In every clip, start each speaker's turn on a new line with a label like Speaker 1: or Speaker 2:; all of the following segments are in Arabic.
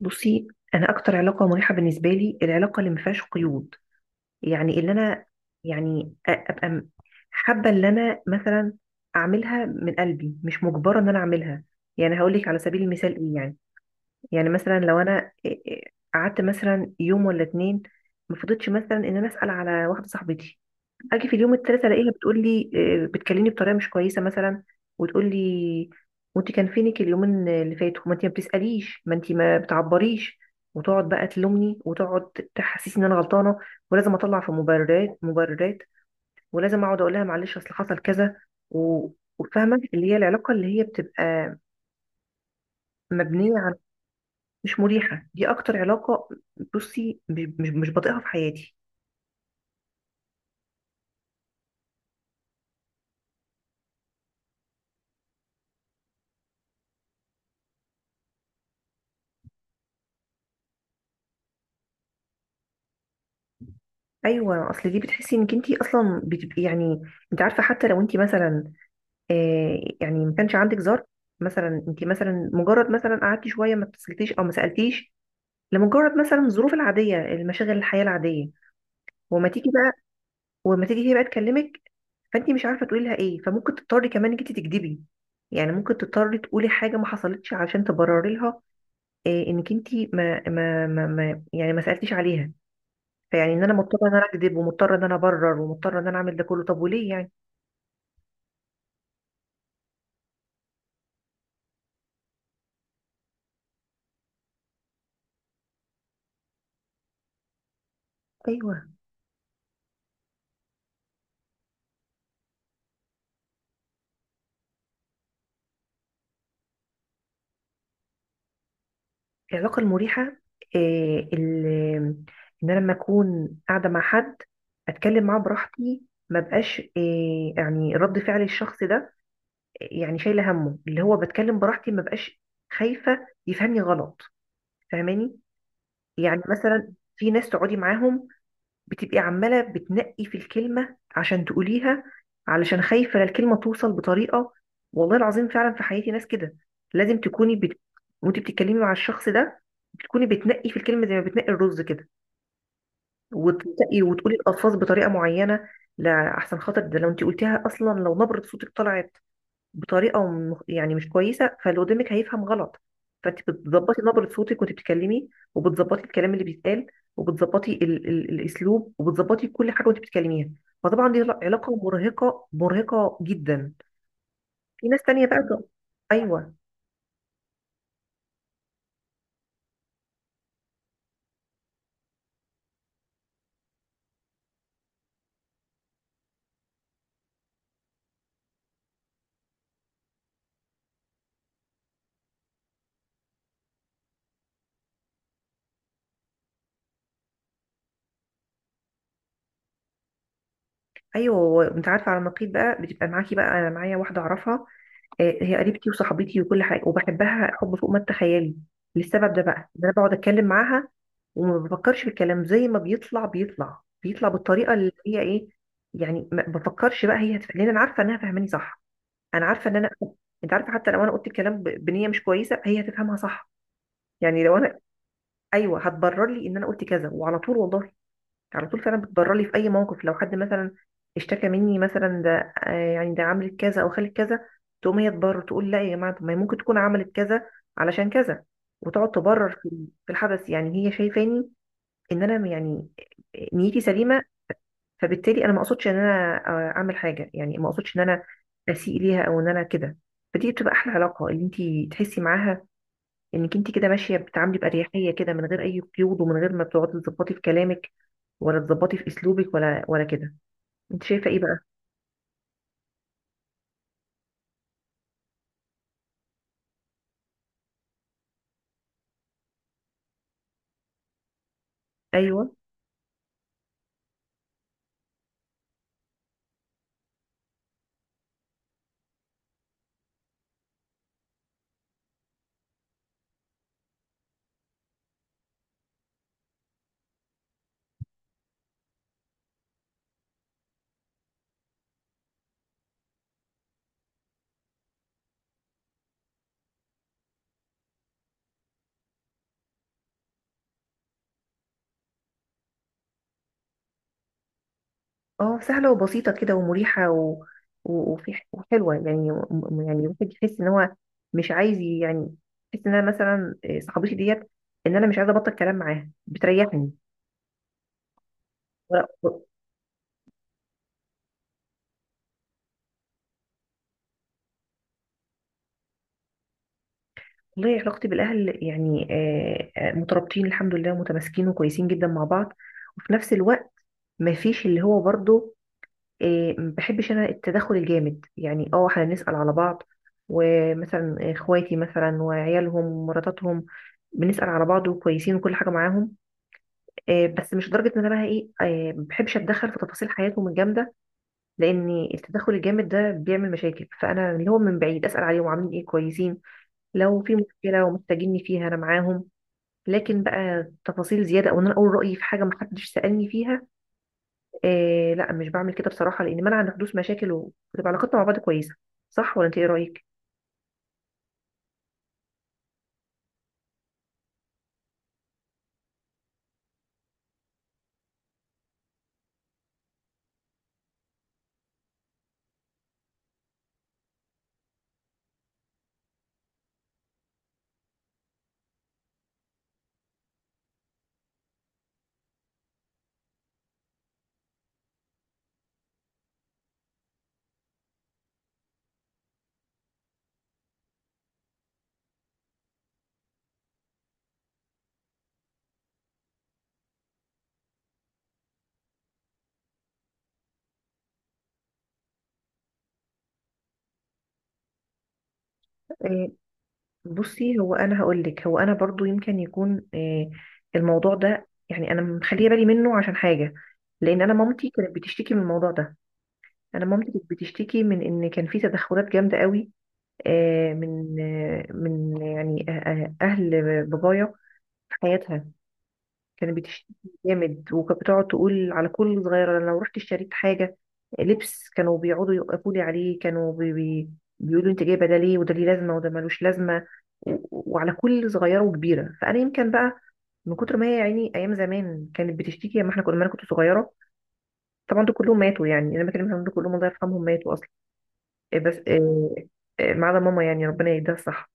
Speaker 1: بصي، انا اكتر علاقه مريحه بالنسبه لي العلاقه اللي ما فيهاش قيود. يعني اللي انا، يعني أ- ابقى م- حابه اللي انا مثلا اعملها من قلبي، مش مجبره ان انا اعملها. يعني هقول لك على سبيل المثال ايه يعني. يعني مثلا لو انا إيه- إيه قعدت مثلا يوم ولا اتنين، ما فضلتش مثلا ان انا اسال على واحده صاحبتي، اجي في اليوم التالت الاقيها بتقول لي، بتكلمني بطريقه مش كويسه مثلا، وتقول لي وانت كان فينك اليومين اللي فاتوا، ما انت ما بتساليش، ما انت ما بتعبريش، وتقعد بقى تلومني وتقعد تحسسني ان انا غلطانه، ولازم اطلع في مبررات ولازم اقعد اقول لها معلش اصل حصل كذا و- وفاهمه اللي هي العلاقه اللي هي بتبقى مبنيه على، مش مريحه. دي اكتر علاقه، بصي مش بطيقها في حياتي. ايوه، اصل دي بتحسي انك انت اصلا بتبقي يعني، انت عارفه حتى لو انت مثلا، يعني ما كانش عندك زر، مثلا انت مثلا مجرد مثلا قعدتي شويه ما اتصلتيش او ما سالتيش، لمجرد مثلا الظروف العاديه، المشاغل، الحياه العاديه، وما تيجي بقى، وما تيجي هي بقى تكلمك، فانت مش عارفه تقولي لها ايه، فممكن تضطري كمان انك انت تكدبي. يعني ممكن تضطري تقولي حاجه ما حصلتش عشان تبرري لها، انك انت يعني ما سالتيش عليها. فيعني ان انا مضطره ان انا اكذب، ومضطره ان انا ابرر، ومضطره ان انا اعمل ده كله، طب وليه يعني؟ ايوه. العلاقة المريحة، آه، ال- إن أنا لما أكون قاعدة مع حد أتكلم معاه براحتي، ما بقاش يعني رد فعل الشخص ده، يعني شايلة همه. اللي هو بتكلم براحتي، ما بقاش خايفة يفهمني غلط، فاهماني؟ يعني مثلا في ناس تقعدي معاهم بتبقي عمالة بتنقي في الكلمة عشان تقوليها، علشان خايفة لا الكلمة توصل بطريقة. والله العظيم فعلا في حياتي ناس كده، لازم تكوني بت... وانت بتتكلمي مع الشخص ده بتكوني بتنقي في الكلمة زي ما بتنقي الرز كده، وتنقي وتقولي الألفاظ بطريقة معينة. لا أحسن خاطر ده لو انت قلتيها أصلا لو نبرة صوتك طلعت يعني مش كويسه، فاللي قدامك هيفهم غلط. فانت بتظبطي نبره صوتك وانت بتتكلمي، وبتظبطي الكلام اللي بيتقال، وبتظبطي ال الاسلوب، وبتظبطي كل حاجه وانت بتتكلميها. فطبعا دي علاقه مرهقه، مرهقه جدا. في ناس تانية بقى. ايوه، ايوه، انت عارفه، على النقيض بقى بتبقى معاكي بقى، انا معايا واحده اعرفها، هي قريبتي وصاحبتي وكل حاجه، وبحبها حب فوق ما تتخيلي. للسبب ده بقى ان انا بقعد اتكلم معاها وما بفكرش في الكلام، زي ما بيطلع بيطلع بالطريقه اللي هي ايه. يعني ما بفكرش بقى هي هتف... لان انا عارفه انها فاهماني صح، انا عارفه ان انا انت عارفه حتى لو انا قلت الكلام بنيه مش كويسه هي هتفهمها صح، يعني لو انا، ايوه هتبرر لي ان انا قلت كذا، وعلى طول والله على طول فعلا بتبرر لي في اي موقف. لو حد مثلا اشتكى مني مثلا، ده يعني ده عملت كذا او خلت كذا، تقوم هي تبرر، تقول لا يا جماعه طب ما هي ممكن تكون عملت كذا علشان كذا، وتقعد تبرر في الحدث. يعني هي شايفاني ان انا يعني نيتي سليمه، فبالتالي انا ما اقصدش ان انا، اعمل حاجه. يعني ما اقصدش ان انا اسيء ليها او ان انا كده. فدي بتبقى احلى علاقه، اللي انت تحسي معاها انك انت كده ماشيه بتتعاملي باريحيه كده، من غير اي قيود، ومن غير ما بتقعدي تظبطي في كلامك، ولا تظبطي في اسلوبك، ولا كده. انت شايفه ايه بقى؟ ايوه، اه سهله وبسيطه كده ومريحه و... وحلوه يعني، يعني الواحد يحس ان هو مش عايز يعني يحس ان انا مثلا صاحبتي ديت، ان انا مش عايزه ابطل كلام معاها، بتريحني ولا- والله علاقتي بالاهل يعني، مترابطين الحمد لله، متماسكين وكويسين جدا مع بعض. وفي نفس الوقت ما فيش اللي هو برضه ما بحبش انا التدخل الجامد. يعني اه احنا بنسأل على بعض، ومثلا اخواتي مثلا وعيالهم ومراتاتهم، بنسأل على بعض وكويسين وكل حاجة معاهم. بس مش لدرجة ان انا بقى ايه، ما بحبش اتدخل في تفاصيل حياتهم الجامدة، لان التدخل الجامد ده بيعمل مشاكل. فانا اللي هو من بعيد اسأل عليهم عاملين ايه، كويسين، لو في مشكلة ومحتاجيني فيها انا معاهم. لكن بقى تفاصيل زيادة، او ان انا اقول رأيي في حاجة محدش سألني فيها، لا مش بعمل كده بصراحة، لأن منع عن حدوث مشاكل، وبتبقى علاقتنا مع بعض كويسة. صح ولا أنت إيه رأيك؟ إيه بصي، هو أنا هقول لك، هو أنا برضو يمكن يكون الموضوع ده يعني أنا مخلية بالي منه عشان حاجة. لأن أنا مامتي كانت بتشتكي من الموضوع ده، أنا مامتي كانت بتشتكي من إن كان في تدخلات جامدة قوي، من من يعني أهل بابايا في حياتها، كانت بتشتكي جامد. وكانت بتقعد تقول على كل صغيرة، أنا لو رحت اشتريت حاجة لبس كانوا بيقعدوا يوقفوا لي عليه، كانوا بي بي بيقولوا انت جايبة ده ليه، وده ليه لازمة وده ملوش لازمة، و- وعلى كل صغيرة وكبيرة. فأنا يمكن بقى من كتر ما هي يعني أيام زمان كانت بتشتكي لما احنا كنا، لما أنا كنت صغيرة. طبعا دول كلهم ماتوا، يعني أنا بكلمها دول كلهم الله يرحمهم، ماتوا أصلا، بس إيه إيه ما عدا ماما، يعني ربنا يهديها الصح.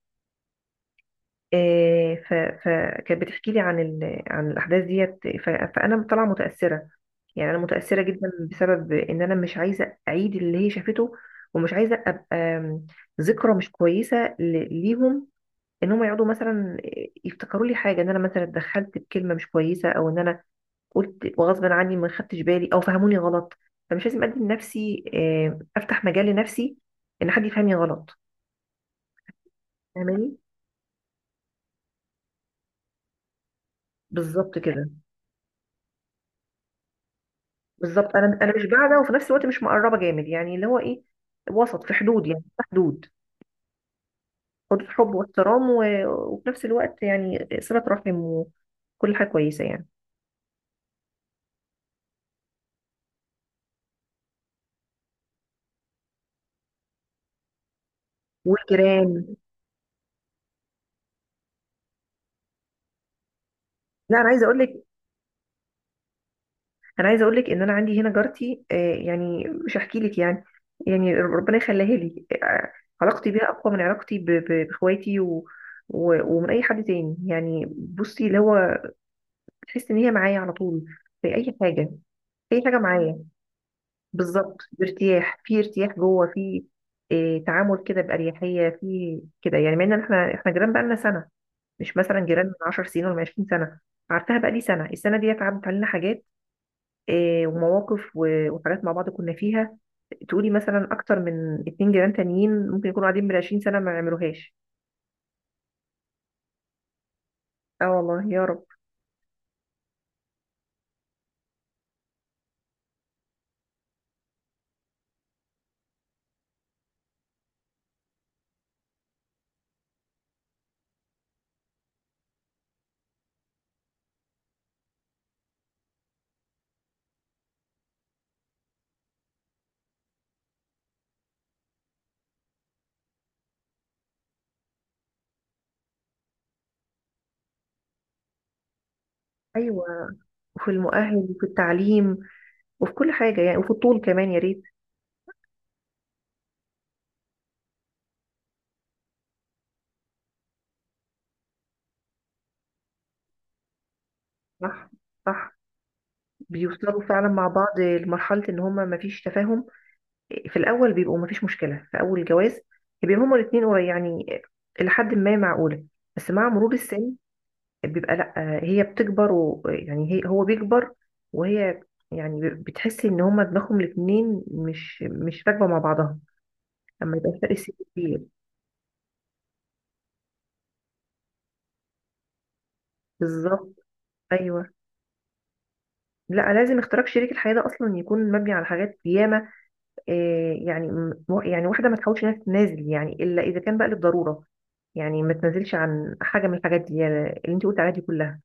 Speaker 1: إيه ف- فكانت بتحكي لي عن عن الأحداث ديت، فأنا طالعة متأثرة. يعني انا متاثره جدا بسبب ان انا مش عايزه اعيد اللي هي شافته، ومش عايزه ابقى ذكرى مش كويسه ليهم، ان هم يقعدوا مثلا يفتكروا لي حاجه، ان انا مثلا اتدخلت بكلمه مش كويسه، او ان انا قلت وغصب عني ما خدتش بالي، او فهموني غلط. فمش لازم ادي لنفسي، افتح مجال لنفسي ان حد يفهمني غلط، فاهماني؟ بالظبط كده. بالظبط، انا مش بعده، وفي نفس الوقت مش مقربه جامد. يعني اللي هو ايه، وسط، في حدود، يعني في حدود، حدود حب واحترام و... وفي نفس الوقت يعني صلة رحم وكل حاجة كويسة يعني. والجيران، لا أنا عايزة أقول لك، أنا عايزة أقول لك إن أنا عندي هنا جارتي، يعني مش هحكي لك يعني، يعني ربنا يخليها لي. علاقتي بيها أقوى من علاقتي بإخواتي و... و... ومن أي حد تاني. يعني بصي اللي هو تحس إن هي معايا على طول في أي حاجة، في أي حاجة معايا. بالظبط، بارتياح، في ارتياح جوه في، تعامل كده بأريحية في كده. يعني مع إن إحنا جيران بقالنا سنة، مش مثلا جيران من 10 سنين ولا من 20 سنه. عارفاها بقى لي سنه، السنه ديت عدت علينا حاجات، ومواقف وحاجات مع بعض كنا فيها، تقولي مثلا اكتر من اتنين جيران تانيين ممكن يكونوا قاعدين من 20 سنه ما يعملوهاش. اه والله يا رب. ايوه، وفي المؤهل وفي التعليم وفي كل حاجه يعني، وفي الطول كمان يا ريت. صح، صح، بيوصلوا فعلا مع بعض لمرحله ان هما ما فيش تفاهم. في الاول بيبقوا ما فيش مشكله في اول الجواز، بيبقوا هما الاثنين يعني لحد ما معقوله. بس مع مرور السن بيبقى لأ، هي بتكبر، و يعني هي، هو بيكبر وهي، يعني بتحس ان هما دماغهم الاتنين مش مش راكبة مع بعضها، لما يبقى فرق سن كبير. بالظبط. ايوه، لا لازم اختراق شريك الحياة ده اصلا يكون مبني على حاجات ياما. يعني يعني واحدة ما تحاولش انها تنازل يعني، الا اذا كان بقى للضرورة، يعني ما تنازلش عن حاجة من الحاجات دي يعني، اللي انت قلت عليها دي كلها.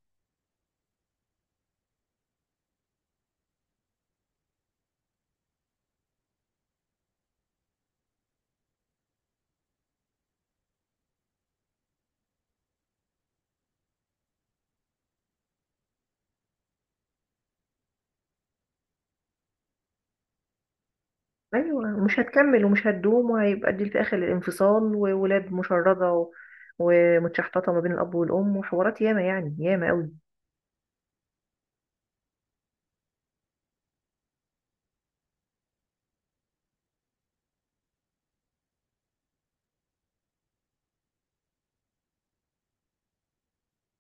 Speaker 1: ايوه، مش هتكمل ومش هتدوم، وهيبقى دي في اخر الانفصال، وولاد مشردة و... ومتشحططة ما بين الاب والام، وحوارات ياما يعني، ياما قوي.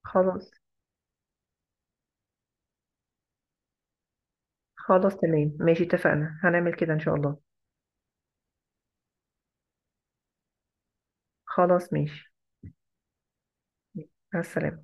Speaker 1: خلاص. خلاص تمام ماشي، اتفقنا هنعمل كده ان شاء الله. خلاص ماشي، مع السلامة.